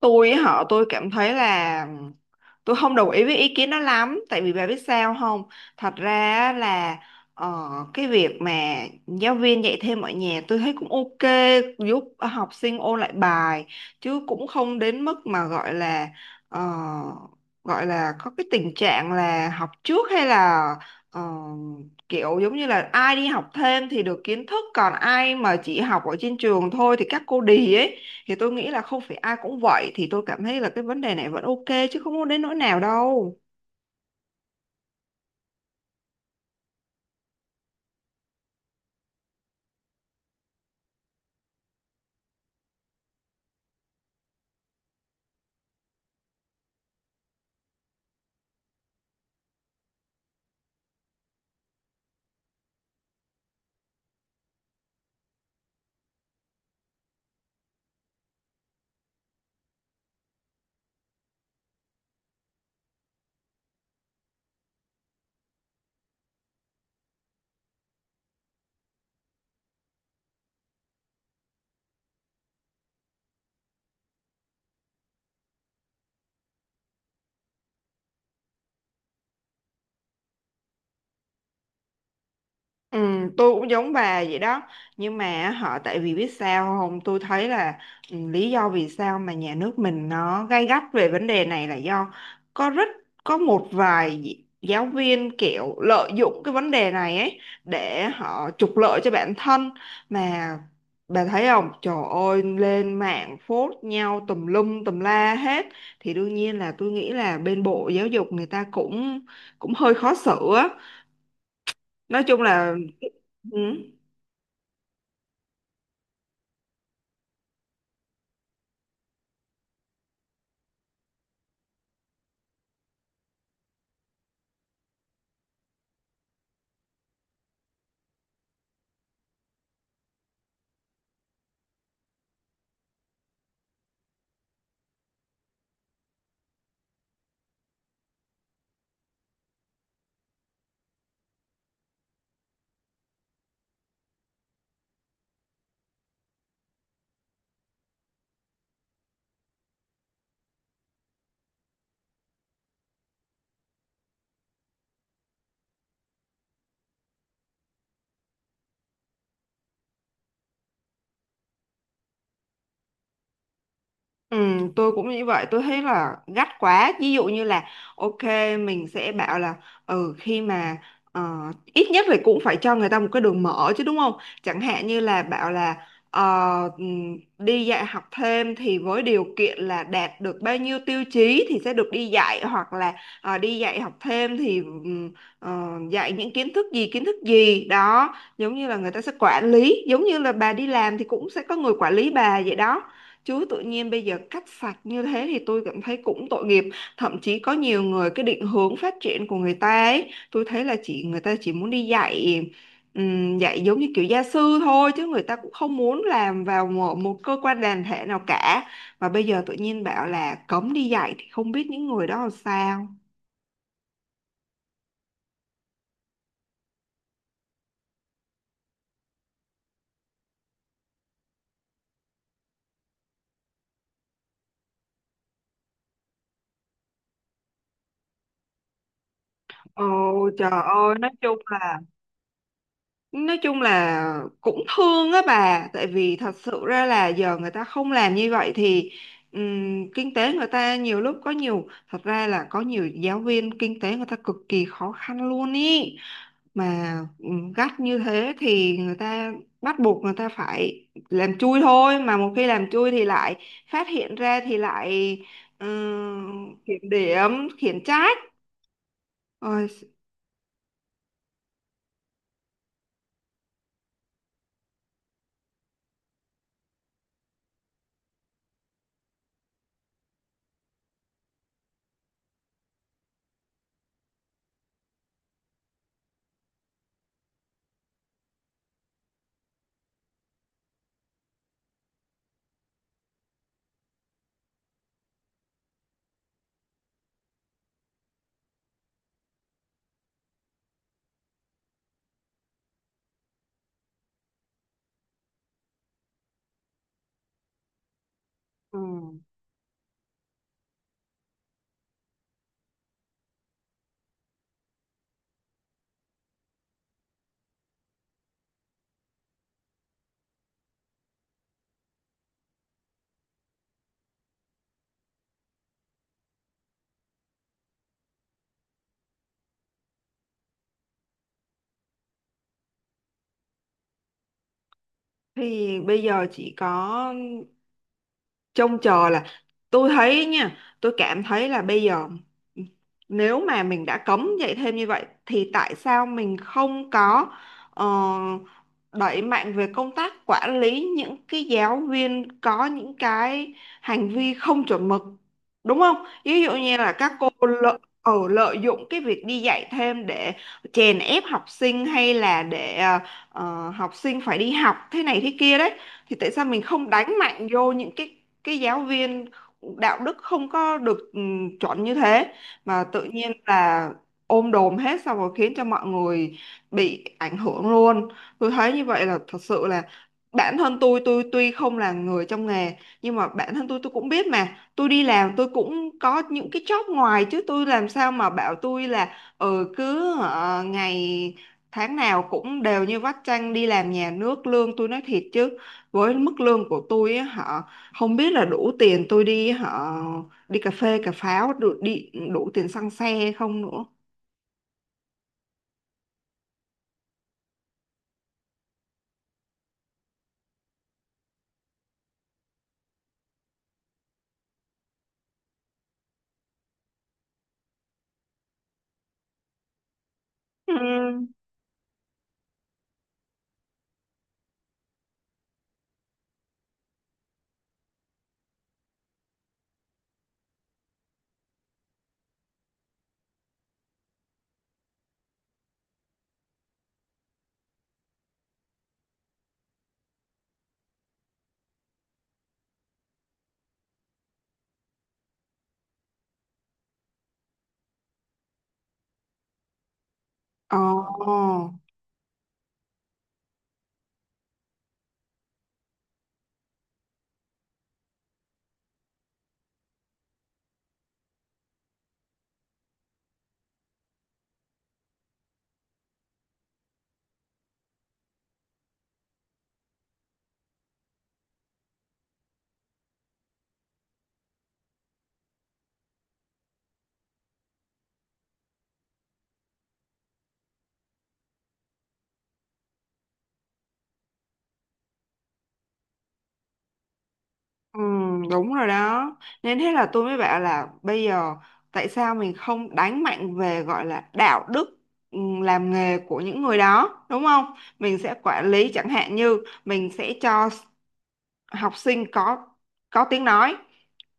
Tôi á họ tôi cảm thấy là tôi không đồng ý với ý kiến đó lắm, tại vì bà biết sao không? Thật ra á là cái việc mà giáo viên dạy thêm ở nhà tôi thấy cũng ok, giúp học sinh ôn lại bài, chứ cũng không đến mức mà gọi là, ờ, gọi là có cái tình trạng là học trước, hay là ờ, kiểu giống như là ai đi học thêm thì được kiến thức, còn ai mà chỉ học ở trên trường thôi thì các cô đì ấy. Thì tôi nghĩ là không phải ai cũng vậy, thì tôi cảm thấy là cái vấn đề này vẫn ok chứ không có đến nỗi nào đâu. Ừ, tôi cũng giống bà vậy đó, nhưng mà tại vì biết sao không, tôi thấy là lý do vì sao mà nhà nước mình nó gay gắt về vấn đề này là do có rất, có một vài giáo viên kiểu lợi dụng cái vấn đề này ấy để họ trục lợi cho bản thân. Mà bà thấy không, trời ơi lên mạng phốt nhau tùm lum tùm la hết, thì đương nhiên là tôi nghĩ là bên bộ giáo dục người ta cũng cũng hơi khó xử á. Nói chung là ừ. Ừ, tôi cũng như vậy, tôi thấy là gắt quá. Ví dụ như là ok, mình sẽ bảo là ừ, khi mà ờ, ít nhất là cũng phải cho người ta một cái đường mở chứ, đúng không? Chẳng hạn như là bảo là đi dạy học thêm thì với điều kiện là đạt được bao nhiêu tiêu chí thì sẽ được đi dạy, hoặc là đi dạy học thêm thì dạy những kiến thức gì đó, giống như là người ta sẽ quản lý, giống như là bà đi làm thì cũng sẽ có người quản lý bà vậy đó. Chứ tự nhiên bây giờ cắt sạch như thế thì tôi cảm thấy cũng tội nghiệp. Thậm chí có nhiều người, cái định hướng phát triển của người ta ấy, tôi thấy là chỉ người ta chỉ muốn đi dạy dạy giống như kiểu gia sư thôi, chứ người ta cũng không muốn làm vào một cơ quan đoàn thể nào cả. Và bây giờ tự nhiên bảo là cấm đi dạy thì không biết những người đó làm sao. Ồ, trời ơi, nói chung là, nói chung là cũng thương á bà, tại vì thật sự ra là giờ người ta không làm như vậy thì kinh tế người ta nhiều lúc có nhiều, thật ra là có nhiều giáo viên kinh tế người ta cực kỳ khó khăn luôn ý. Mà gắt như thế thì người ta bắt buộc người ta phải làm chui thôi, mà một khi làm chui thì lại phát hiện ra thì lại kiểm điểm, khiển trách. Ôi, ừm, thì bây giờ chỉ có trông chờ là, tôi thấy nha, tôi cảm thấy là bây giờ nếu mà mình đã cấm dạy thêm như vậy thì tại sao mình không có ờ, đẩy mạnh về công tác quản lý những cái giáo viên có những cái hành vi không chuẩn mực, đúng không? Ví dụ như là các cô lợi, lợi dụng cái việc đi dạy thêm để chèn ép học sinh, hay là để học sinh phải đi học thế này thế kia đấy. Thì tại sao mình không đánh mạnh vô những cái giáo viên đạo đức không có được chuẩn như thế, mà tự nhiên là ôm đồm hết xong rồi khiến cho mọi người bị ảnh hưởng luôn. Tôi thấy như vậy là thật sự là, bản thân tôi tuy không là người trong nghề, nhưng mà bản thân tôi cũng biết, mà tôi đi làm tôi cũng có những cái job ngoài chứ, tôi làm sao mà bảo tôi là ừ cứ ngày tháng nào cũng đều như vắt chanh đi làm nhà nước, lương tôi nói thiệt chứ, với mức lương của tôi á hả, không biết là đủ tiền tôi đi cà phê cà pháo, đủ, đi đủ tiền xăng xe không nữa. Ừ. Ồ, ừ, đúng rồi đó. Nên thế là tôi mới bảo là bây giờ tại sao mình không đánh mạnh về gọi là đạo đức làm nghề của những người đó, đúng không? Mình sẽ quản lý, chẳng hạn như mình sẽ cho học sinh có tiếng nói,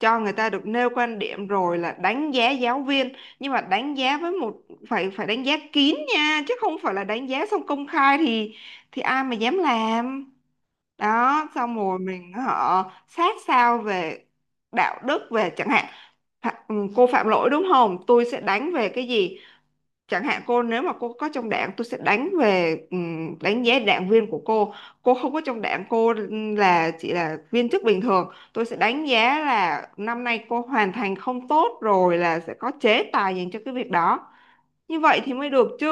cho người ta được nêu quan điểm rồi là đánh giá giáo viên, nhưng mà đánh giá với một, phải phải đánh giá kín nha, chứ không phải là đánh giá xong công khai thì ai mà dám làm. Đó xong rồi mình sát sao về đạo đức, về chẳng hạn ừ, cô phạm lỗi đúng không, tôi sẽ đánh về cái gì. Chẳng hạn cô nếu mà cô có trong đảng, tôi sẽ đánh về đánh giá đảng viên của cô. Cô không có trong đảng, cô là chỉ là viên chức bình thường, tôi sẽ đánh giá là năm nay cô hoàn thành không tốt, rồi là sẽ có chế tài dành cho cái việc đó. Như vậy thì mới được chứ.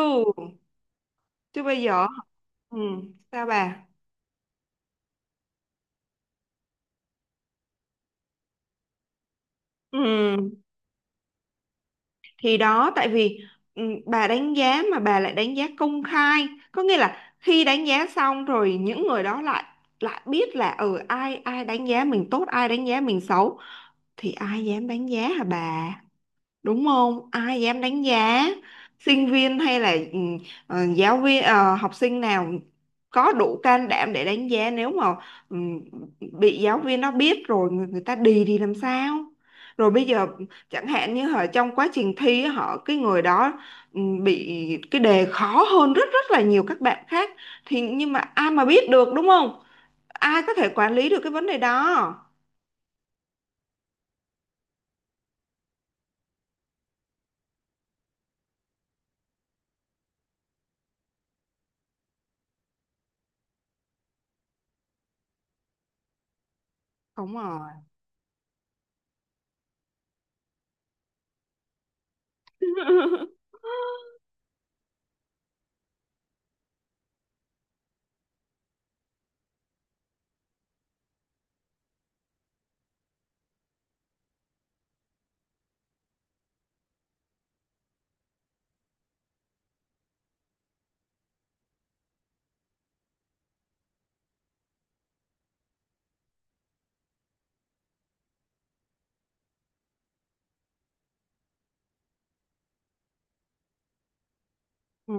Chứ bây giờ sao bà? Ừ, thì đó tại vì bà đánh giá mà bà lại đánh giá công khai, có nghĩa là khi đánh giá xong rồi những người đó lại, lại biết là ở ai ai đánh giá mình tốt, ai đánh giá mình xấu, thì ai dám đánh giá hả bà? Đúng không, ai dám đánh giá. Sinh viên hay là giáo viên học sinh nào có đủ can đảm để đánh giá nếu mà ừ, bị giáo viên nó biết rồi, người ta đì thì làm sao. Rồi bây giờ chẳng hạn như trong quá trình thi á, cái người đó bị cái đề khó hơn rất rất là nhiều các bạn khác, thì nhưng mà ai mà biết được, đúng không? Ai có thể quản lý được cái vấn đề đó. Đúng rồi. Ừ.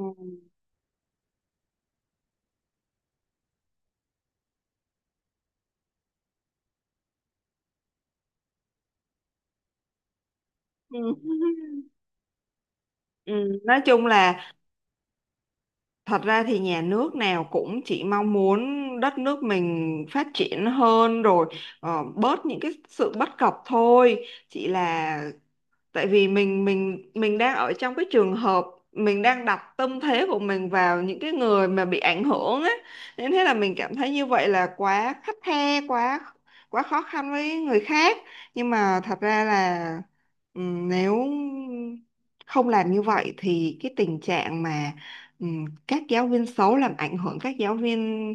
Ừ. Ừ, nói chung là thật ra thì nhà nước nào cũng chỉ mong muốn đất nước mình phát triển hơn, rồi bớt những cái sự bất cập thôi. Chỉ là tại vì mình mình đang ở trong cái trường hợp, mình đang đặt tâm thế của mình vào những cái người mà bị ảnh hưởng á, nên thế là mình cảm thấy như vậy là quá khắt khe, quá quá khó khăn với người khác. Nhưng mà thật ra là nếu không làm như vậy thì cái tình trạng mà các giáo viên xấu làm ảnh hưởng các giáo viên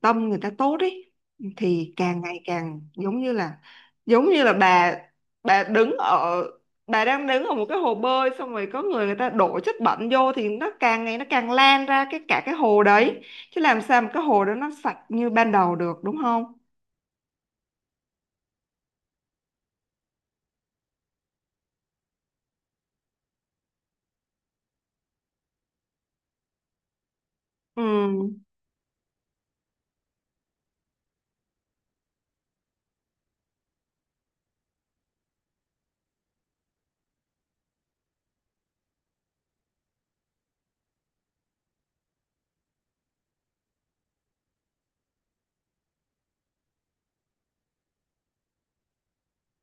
tâm người ta tốt ấy, thì càng ngày càng giống như là, giống như là bà đứng ở bà đang đứng ở một cái hồ bơi xong rồi có người, người ta đổ chất bẩn vô thì nó càng ngày nó càng lan ra cái cả cái hồ đấy, chứ làm sao mà cái hồ đó nó sạch như ban đầu được, đúng không? Ừ.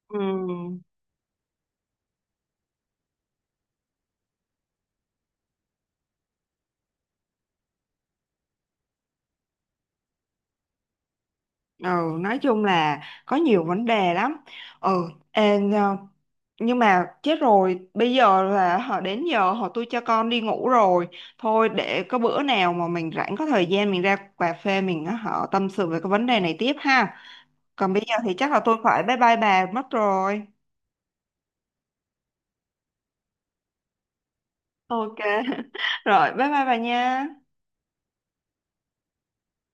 Ừ. Ừ, nói chung là có nhiều vấn đề lắm. Ừ. Ê, nhưng mà chết rồi, bây giờ là đến giờ tôi cho con đi ngủ rồi. Thôi, để có bữa nào mà mình rảnh có thời gian mình ra cà phê mình tâm sự về cái vấn đề này tiếp ha. Còn bây giờ thì chắc là tôi phải bye bye bà mất rồi. Ok. Rồi, bye bye bà nha.